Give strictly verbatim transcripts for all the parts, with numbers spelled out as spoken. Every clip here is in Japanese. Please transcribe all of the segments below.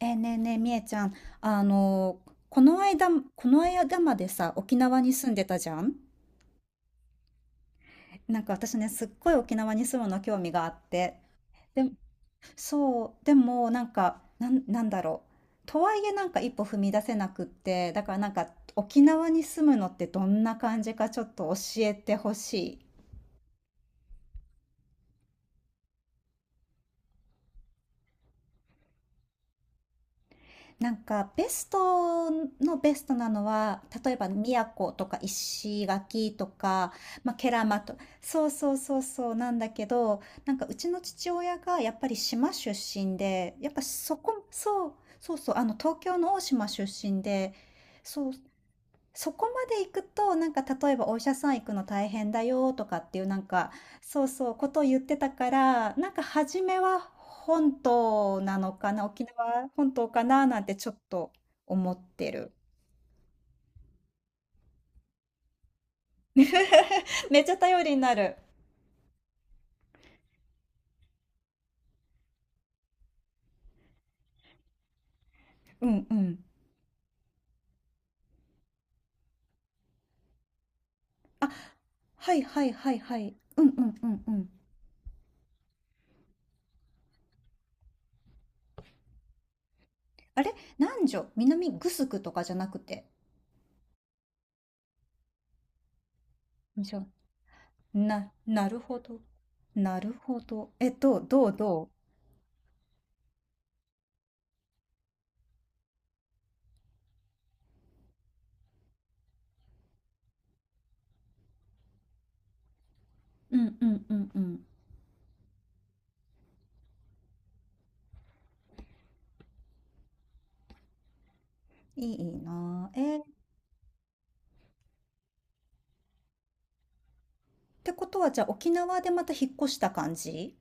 えーねえねえ、みえちゃん、あの、この間、この間までさ、沖縄に住んでたじゃん。なんか私ね、すっごい沖縄に住むの興味があって。で、そう、でもなんか、なん、なんだろう。とはいえなんか一歩踏み出せなくって、だからなんか沖縄に住むのってどんな感じかちょっと教えてほしい。なんかベストのベストなのは、例えば宮古とか石垣とか、まあ、ケラマと。そうそうそうそうなんだけど、なんかうちの父親がやっぱり島出身で、やっぱそこ。そうそうそう、あの東京の大島出身で。そう、そこまで行くと、なんか例えばお医者さん行くの大変だよとかっていうなんか、そうそう、ことを言ってたから、なんか初めは本島なのかな、沖縄本島かななんてちょっと思ってる。めっちゃ頼りになる。うんうん。はいはいはいはい。うんうんうんうん。あれ、南女南グスクとかじゃなくて。じゃ、な、なるほど。なるほど。えっと、どうどううんうんうんうん。いいなあ。えーってことは、じゃあ沖縄でまた引っ越した感じ？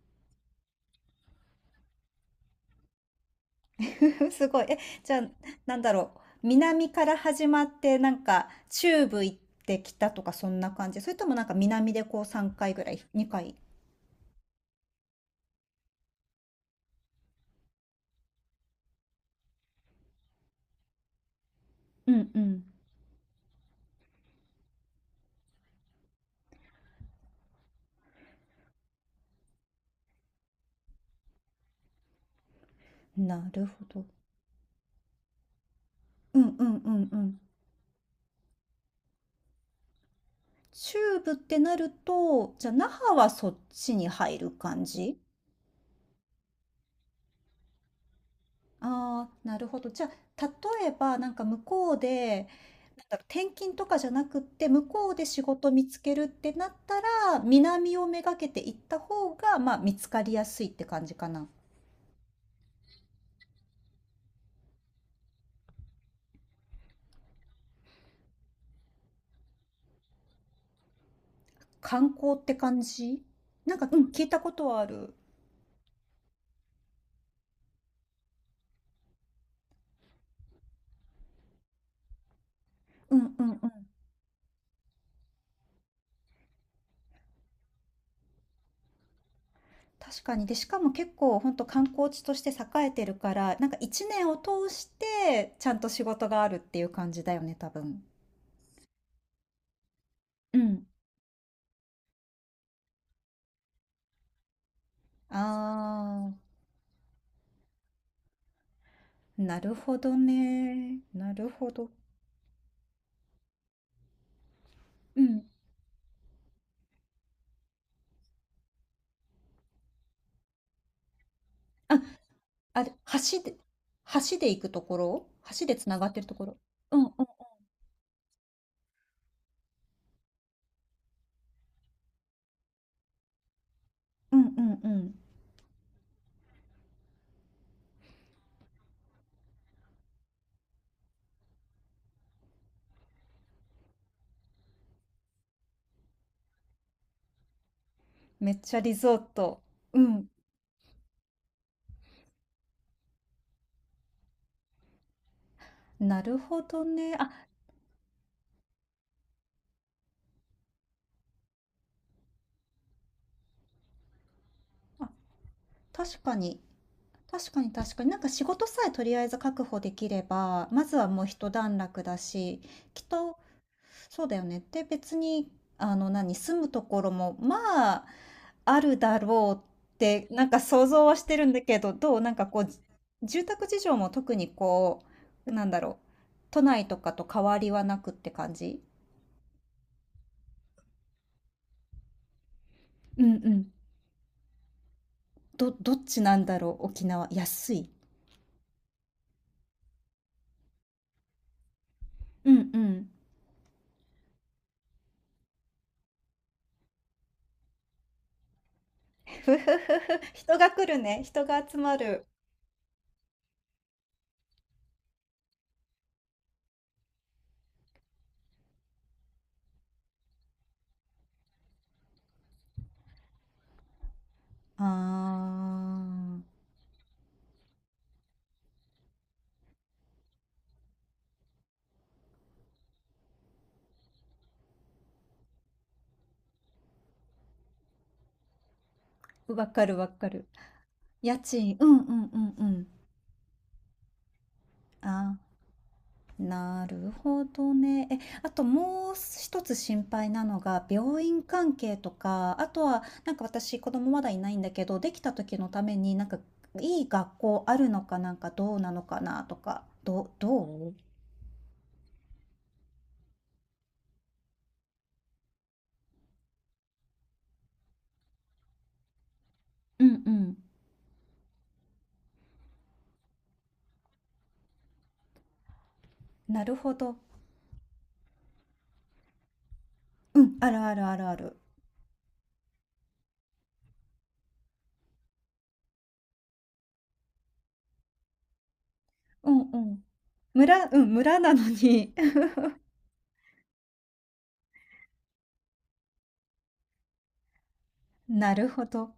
すごい。え、じゃあ、なんだろう。南から始まって、なんか、中部行ってきたとか、そんな感じ。それともなんか南でこうさんかいぐらい、にかい。うんうん。なるほど。うんうんうんうん。中部ってなると、じゃあ那覇はそっちに入る感じ？ああ、なるほど。じゃあ、例えば、なんか向こうで、なんだろう、転勤とかじゃなくって、向こうで仕事見つけるってなったら、南をめがけて行った方が、まあ、見つかりやすいって感じかな。観光って感じ？なんか、うん、聞いたことはある。うんうんうん。確かに。で、しかも結構、本当観光地として栄えてるから、なんか一年を通して、ちゃんと仕事があるっていう感じだよね、多分。うん。あ、なるほどね。なるほど。うん。あ、あれ、橋で橋で行くところ？橋で繋がってるところ。うんうんうんうんうん。めっちゃリゾート。うん。なるほどね。あ、あ、確かに。確かに確かに。なんか仕事さえとりあえず確保できれば、まずはもう一段落だし、きっとそうだよね。で、別に、あの、何、住むところも、まあ、あるだろうって、なんか想像はしてるんだけど、どうなんかこう、じ住宅事情も特にこう、なんだろう、都内とかと変わりはなくって感じ？うんうん。ど、どっちなんだろう、沖縄。安い？うんうん。ふふふふ。人が来るね。人が集まる。あー。わかるわかる。家賃。うんうんうんうん。あー。なるほどね。え、あともう一つ心配なのが、病院関係とか、あとは、なんか私、子供まだいないんだけど、できた時のために、なんか、いい学校あるのかなんかどうなのかなとか、どう、うどうんうんうん。なるほど。うん、あるあるあるある。うんうん。村、うん、村なのに。なるほど。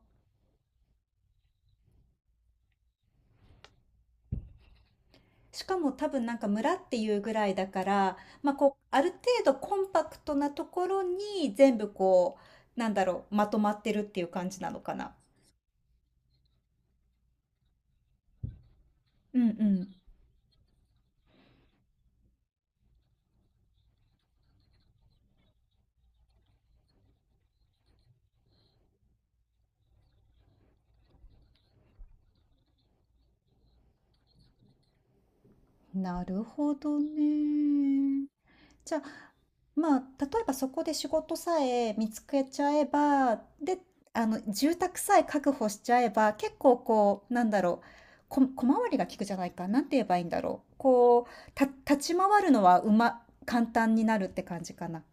しかも多分なんか村っていうぐらいだから、まあ、こうある程度コンパクトなところに全部こうなんだろうまとまってるっていう感じなのかな。うんうん。なるほどね。じゃあまあ例えばそこで仕事さえ見つけちゃえばで、あの住宅さえ確保しちゃえば、結構こうなんだろう、こ小回りが利くじゃないかなんて、言えばいいんだろう、こうた立ち回るのは、うま簡単になるって感じかな。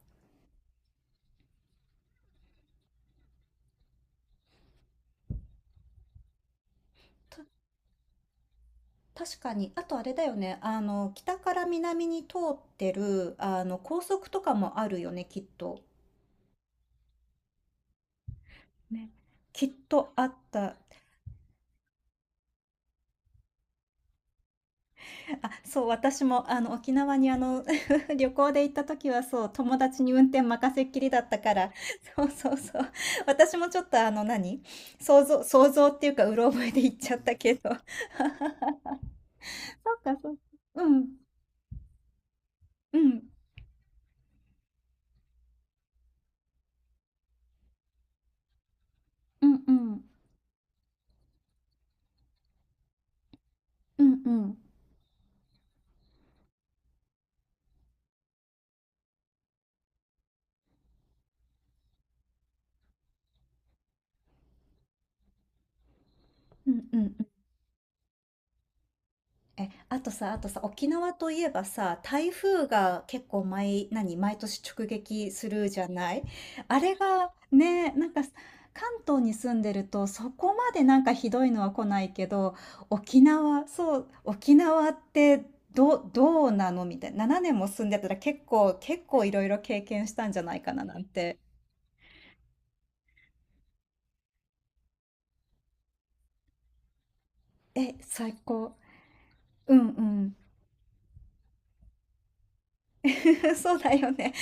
た確かに。あとあれだよね。あの、北から南に通ってる、あの、高速とかもあるよね、きっと。ね。きっとあった。あ、そう、私も、あの、沖縄に、あの、旅行で行った時は、そう、友達に運転任せっきりだったから、そうそうそう。私もちょっと、あの、何、想像、想像っていうか、うろ覚えで行っちゃったけど。そうか、そうか。うん、うん、うん、うん、うん、うん、うん、うん、うん。え、あとさ、あとさ、沖縄といえばさ、台風が結構毎、何、毎年直撃するじゃない？あれがね、なんか関東に住んでるとそこまでなんかひどいのは来ないけど、沖縄、そう、沖縄ってど、どうなのみたいな。ななねんも住んでたら、結構、結構いろいろ経験したんじゃないかななんて。え、最高。うんうん。そうだよね。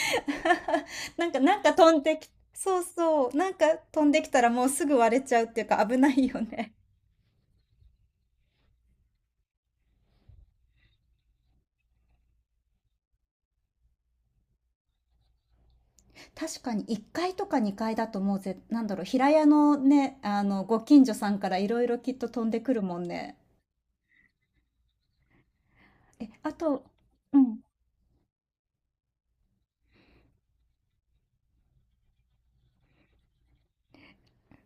なんか、なんか飛んでき、そうそう、なんか飛んできたらもうすぐ割れちゃうっていうか危ないよね。確かにいっかいとかにかいだと、もうぜ、なんだろう、平屋のね、あの、ご近所さんからいろいろきっと飛んでくるもんね。え、あと、うん、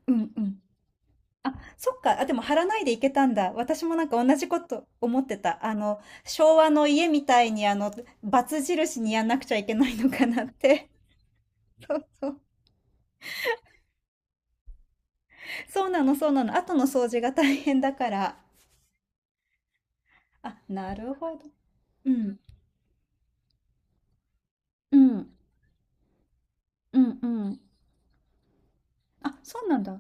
うん、うん。あ、そっか。あ、でも張らないでいけたんだ。私もなんか同じこと思ってた。あの、昭和の家みたいに、あの、バツ印にやんなくちゃいけないのかなって。そうそう。そうなの、そうなの。後の掃除が大変だから。あ、なるほど。うん。うん。うんうん。あ、そうなんだ。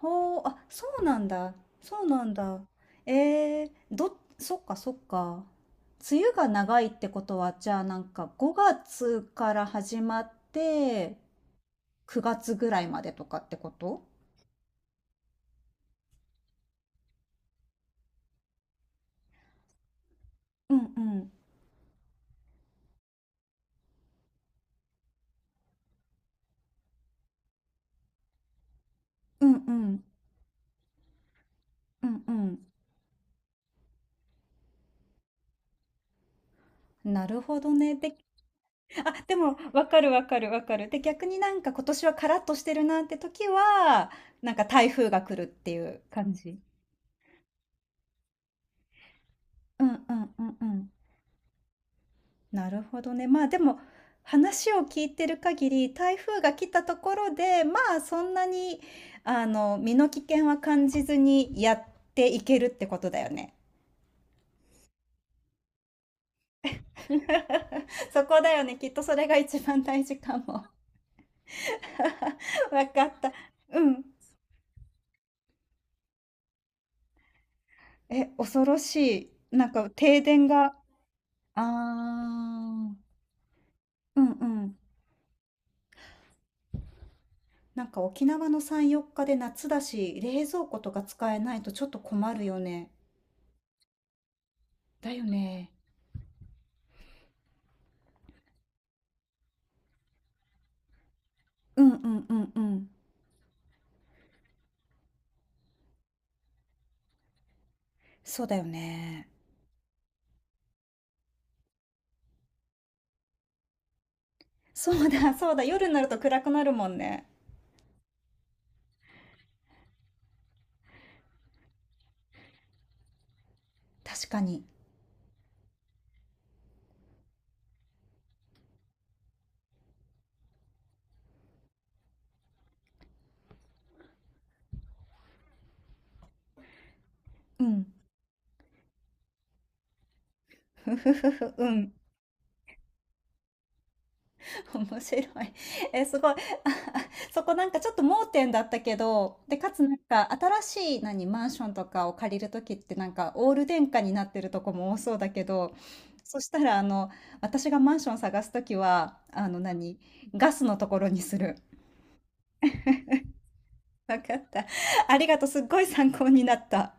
ほう、あ、そうなんだ。そうなんだ。えー、ど、そっかそっか。梅雨が長いってことは、じゃあなんかごがつから始まってくがつぐらいまでとかってこと？うんうん。うんうん。うんうん。なるほどね。で あ、でも、わかるわかるわかる。で、逆になんか今年はカラッとしてるなって時は、なんか台風が来るっていう感じ。うんうんうんうん。なるほどね。まあでも、話を聞いてる限り、台風が来たところで、まあそんなに、あの、身の危険は感じずにやっていけるってことだよね。そこだよね。きっとそれが一番大事かも。わかった。うん。え、恐ろしい。なんか停電が。ああ、うんうん。なんか沖縄のさん、よっかで夏だし、冷蔵庫とか使えないとちょっと困るよね。だよね。うんうんうんうん。そうだよね。そうだそうだ。夜になると暗くなるもんね。確かに。うん。ふふふふ。うん。面白い。え、すごい。そこなんかちょっと盲点だったけど、で、かつなんか新しい何、マンションとかを借りるときって、なんかオール電化になってるとこも多そうだけど、そしたらあの、私がマンション探すときは、あの何、ガスのところにする。わかった。ありがとう。すっごい参考になった。